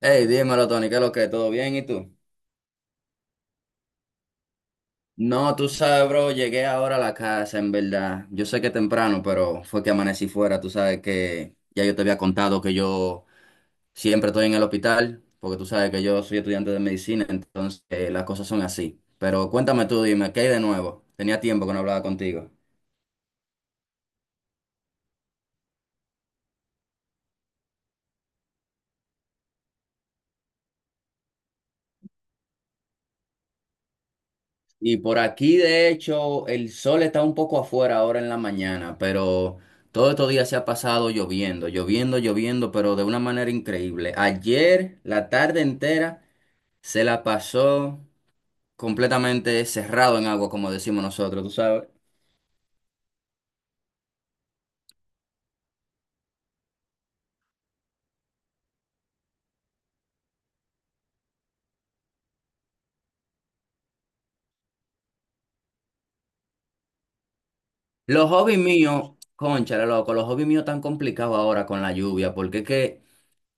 Hey, dímelo, Tony, ¿qué es lo que? ¿Todo bien? ¿Y tú? No, tú sabes, bro, llegué ahora a la casa, en verdad. Yo sé que temprano, pero fue que amanecí fuera. Tú sabes que ya yo te había contado que yo siempre estoy en el hospital, porque tú sabes que yo soy estudiante de medicina, entonces las cosas son así. Pero cuéntame tú, dime, ¿qué hay de nuevo? Tenía tiempo que no hablaba contigo. Y por aquí, de hecho, el sol está un poco afuera ahora en la mañana, pero todo estos días se ha pasado lloviendo, lloviendo, lloviendo, pero de una manera increíble. Ayer, la tarde entera, se la pasó completamente cerrado en agua, como decimos nosotros, tú sabes. Los hobbies míos, cónchale, loco, los hobbies míos tan complicados ahora con la lluvia, porque es que.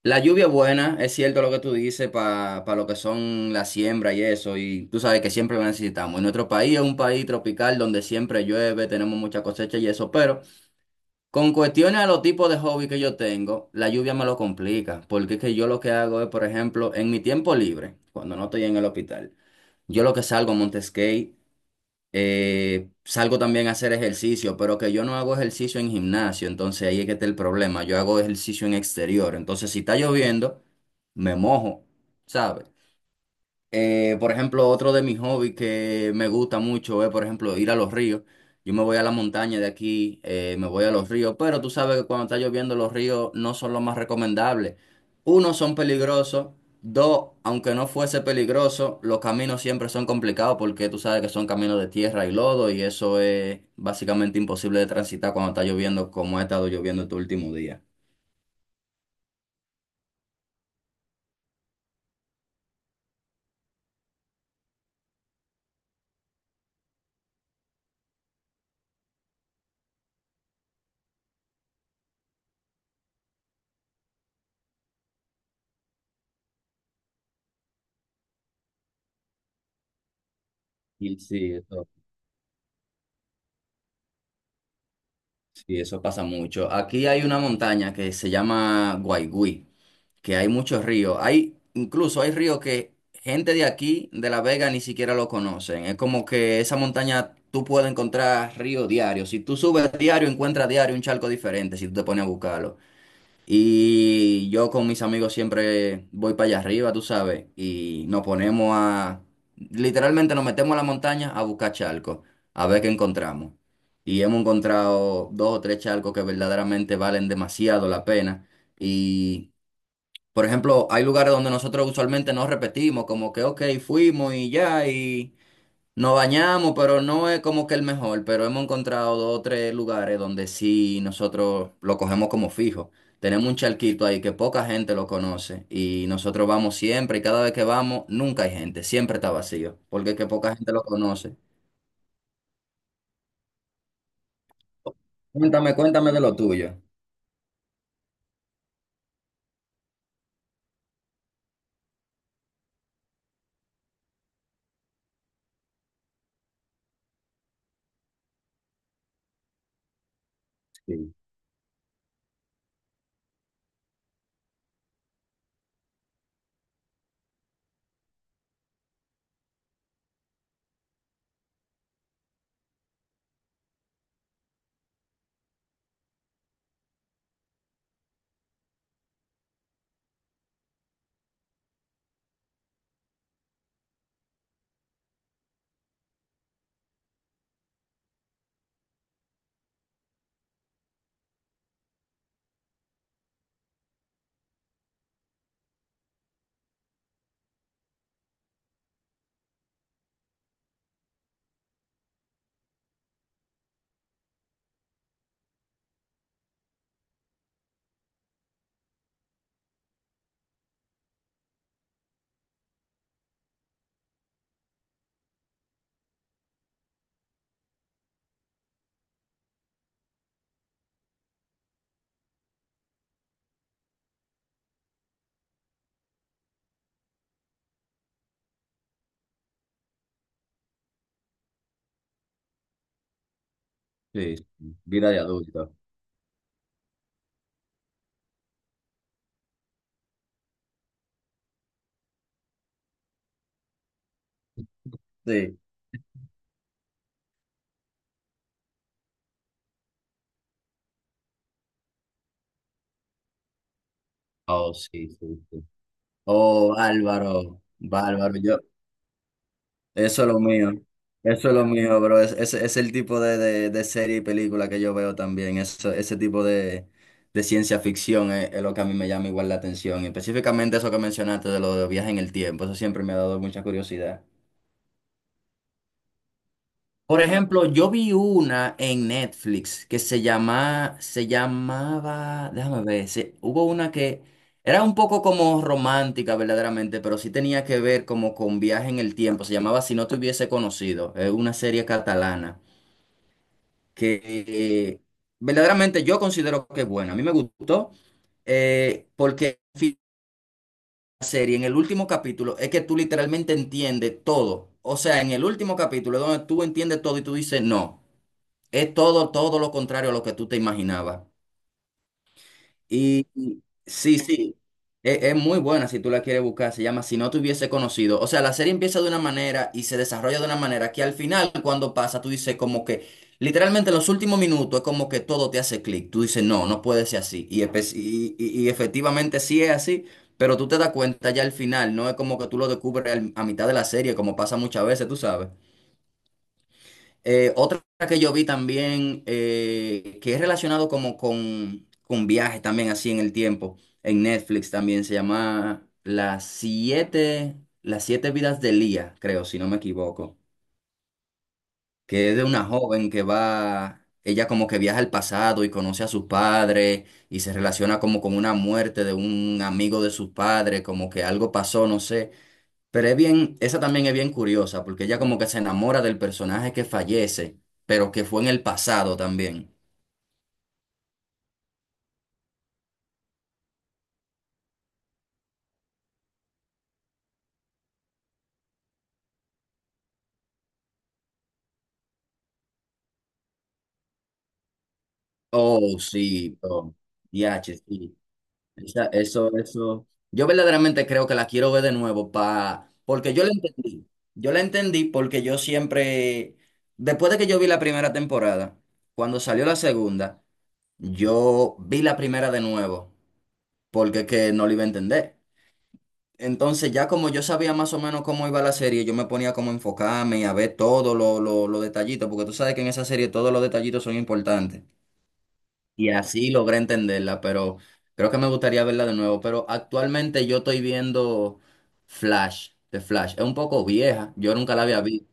La lluvia es buena, es cierto lo que tú dices, para lo que son la siembra y eso, y tú sabes que siempre lo necesitamos. Y nuestro país es un país tropical donde siempre llueve, tenemos mucha cosecha y eso, pero con cuestiones a los tipos de hobby que yo tengo, la lluvia me lo complica, porque es que yo lo que hago es, por ejemplo, en mi tiempo libre, cuando no estoy en el hospital, yo lo que salgo a monte, salgo también a hacer ejercicio, pero que yo no hago ejercicio en gimnasio, entonces ahí es que está el problema. Yo hago ejercicio en exterior, entonces si está lloviendo, me mojo, ¿sabes? Por ejemplo, otro de mis hobbies que me gusta mucho es, por ejemplo, ir a los ríos. Yo me voy a la montaña de aquí, me voy a los ríos, pero tú sabes que cuando está lloviendo los ríos no son los más recomendables. Uno, son peligrosos. Dos, aunque no fuese peligroso, los caminos siempre son complicados porque tú sabes que son caminos de tierra y lodo y eso es básicamente imposible de transitar cuando está lloviendo como ha estado lloviendo este último día. Y sí, eso pasa mucho. Aquí hay una montaña que se llama Guaigüí, que hay muchos ríos. Hay, incluso hay ríos que gente de aquí, de La Vega, ni siquiera lo conocen. Es como que esa montaña tú puedes encontrar río diario. Si tú subes diario, encuentras diario un charco diferente, si tú te pones a buscarlo. Y yo con mis amigos siempre voy para allá arriba, tú sabes, y nos ponemos a, literalmente nos metemos a la montaña a buscar charcos, a ver qué encontramos. Y hemos encontrado dos o tres charcos que verdaderamente valen demasiado la pena. Y por ejemplo, hay lugares donde nosotros usualmente no repetimos, como que, ok, fuimos y ya, y nos bañamos, pero no es como que el mejor, pero hemos encontrado dos o tres lugares donde sí nosotros lo cogemos como fijo. Tenemos un charquito ahí que poca gente lo conoce y nosotros vamos siempre y cada vez que vamos nunca hay gente, siempre está vacío, porque es que poca gente lo conoce. Cuéntame, cuéntame de lo tuyo. Sí, sí, sí. Vida de adulto. Sí. Oh, sí, sí, sí. Oh, Álvaro, bárbaro. Yo. Eso es lo mío. Eso es lo mío, bro. Es el tipo de serie y película que yo veo también. Ese tipo de ciencia ficción es lo que a mí me llama igual la atención. Y específicamente eso que mencionaste de lo de viaje en el tiempo. Eso siempre me ha dado mucha curiosidad. Por ejemplo, yo vi una en Netflix que se llama, se llamaba, déjame ver, hubo una que era un poco como romántica verdaderamente, pero sí tenía que ver como con viaje en el tiempo. Se llamaba Si no te hubiese conocido. Es una serie catalana que, verdaderamente yo considero que es buena. A mí me gustó, porque la serie en el último capítulo es que tú literalmente entiendes todo. O sea, en el último capítulo es donde tú entiendes todo y tú dices no. Es todo, todo lo contrario a lo que tú te imaginabas. Y sí, sí, es muy buena si tú la quieres buscar. Se llama Si no te hubiese conocido. O sea, la serie empieza de una manera y se desarrolla de una manera que al final, cuando pasa, tú dices como que, literalmente en los últimos minutos es como que todo te hace clic. Tú dices, no, no puede ser así. Y efectivamente sí es así, pero tú te das cuenta ya al final. No es como que tú lo descubres a mitad de la serie, como pasa muchas veces, tú sabes. Otra que yo vi también, que es relacionado como con, viajes también, así en el tiempo, en Netflix también, se llama Las siete vidas de Lía, creo, si no me equivoco, que es de una joven que va, ella como que viaja al pasado y conoce a sus padres y se relaciona como con una muerte de un amigo de sus padres, como que algo pasó, no sé. Pero es bien, esa también es bien curiosa, porque ella como que se enamora del personaje que fallece, pero que fue en el pasado también. Oh, sí, oh, diache, sí. Eso, eso. Yo verdaderamente creo que la quiero ver de nuevo, pa, porque yo la entendí. Yo la entendí porque yo siempre, después de que yo vi la primera temporada, cuando salió la segunda, yo vi la primera de nuevo, porque es que no la iba a entender. Entonces, ya como yo sabía más o menos cómo iba la serie, yo me ponía como a enfocarme y a ver todos los detallitos, porque tú sabes que en esa serie todos los detallitos son importantes. Y así logré entenderla, pero creo que me gustaría verla de nuevo. Pero actualmente yo estoy viendo Flash, de Flash. Es un poco vieja, yo nunca la había visto.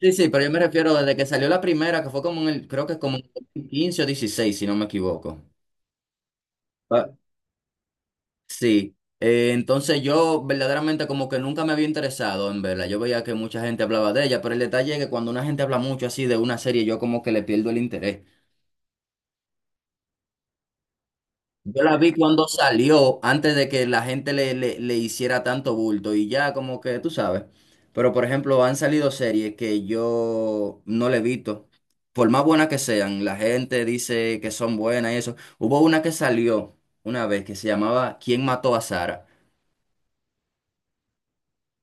Sí, sí, pero yo me refiero desde que salió la primera, que fue como en el, creo que como en el 15 o 16 si no me equivoco. Sí, entonces yo verdaderamente como que nunca me había interesado en verla. Yo veía que mucha gente hablaba de ella, pero el detalle es que cuando una gente habla mucho así de una serie, yo como que le pierdo el interés. Yo la vi cuando salió, antes de que la gente le hiciera tanto bulto y ya como que tú sabes. Pero por ejemplo, han salido series que yo no le he visto. Por más buenas que sean, la gente dice que son buenas y eso. Hubo una que salió una vez que se llamaba ¿Quién mató a Sara?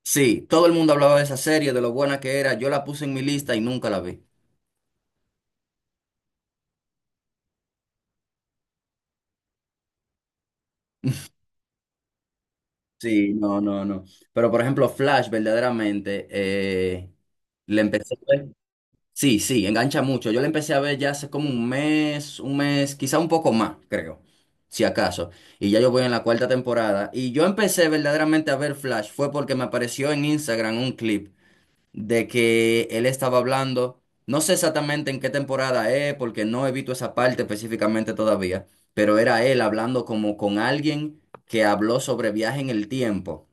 Sí, todo el mundo hablaba de esa serie, de lo buena que era. Yo la puse en mi lista y nunca la vi. Sí, no, no, no. Pero por ejemplo, Flash, verdaderamente, le empecé a ver. Sí, sí, engancha mucho. Yo le empecé a ver ya hace como un mes, quizá un poco más, creo, si acaso. Y ya yo voy en la cuarta temporada. Y yo empecé verdaderamente a ver Flash, fue porque me apareció en Instagram un clip de que él estaba hablando, no sé exactamente en qué temporada es, porque no evito esa parte específicamente todavía, pero era él hablando como con alguien que habló sobre viaje en el tiempo.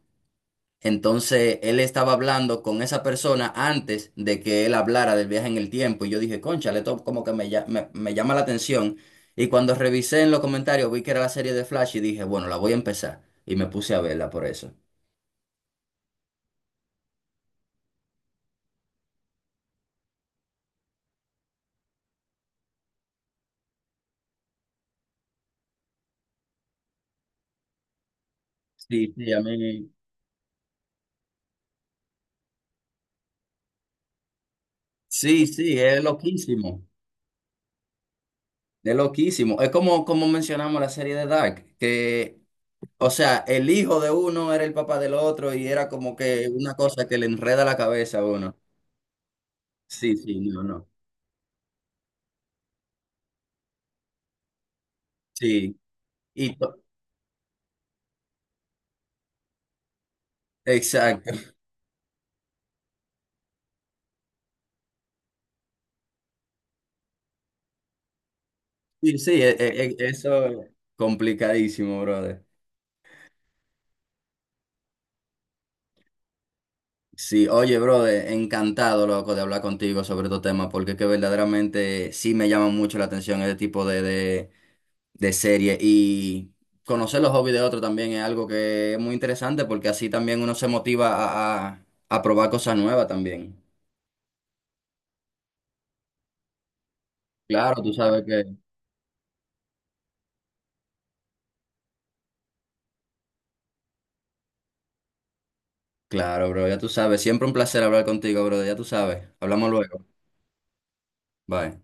Entonces él estaba hablando con esa persona antes de que él hablara del viaje en el tiempo y yo dije, cónchale, esto como que me llama la atención. Y cuando revisé en los comentarios vi que era la serie de Flash y dije, bueno, la voy a empezar. Y me puse a verla por eso. Sí, sí, a mí. Sí, sí, es loquísimo. Es loquísimo. Es como mencionamos la serie de Dark, que, o sea, el hijo de uno era el papá del otro y era como que una cosa que le enreda la cabeza a uno. Sí, sí, no, no. Sí, y to- exacto. Sí, sí, eso es complicadísimo, brother. Sí, oye, brother, encantado, loco, de hablar contigo sobre estos temas, porque es que verdaderamente sí me llama mucho la atención este tipo de, de serie y conocer los hobbies de otro también es algo que es muy interesante porque así también uno se motiva a probar cosas nuevas también. Claro, tú sabes que. Claro, bro, ya tú sabes. Siempre un placer hablar contigo, bro, ya tú sabes. Hablamos luego. Bye.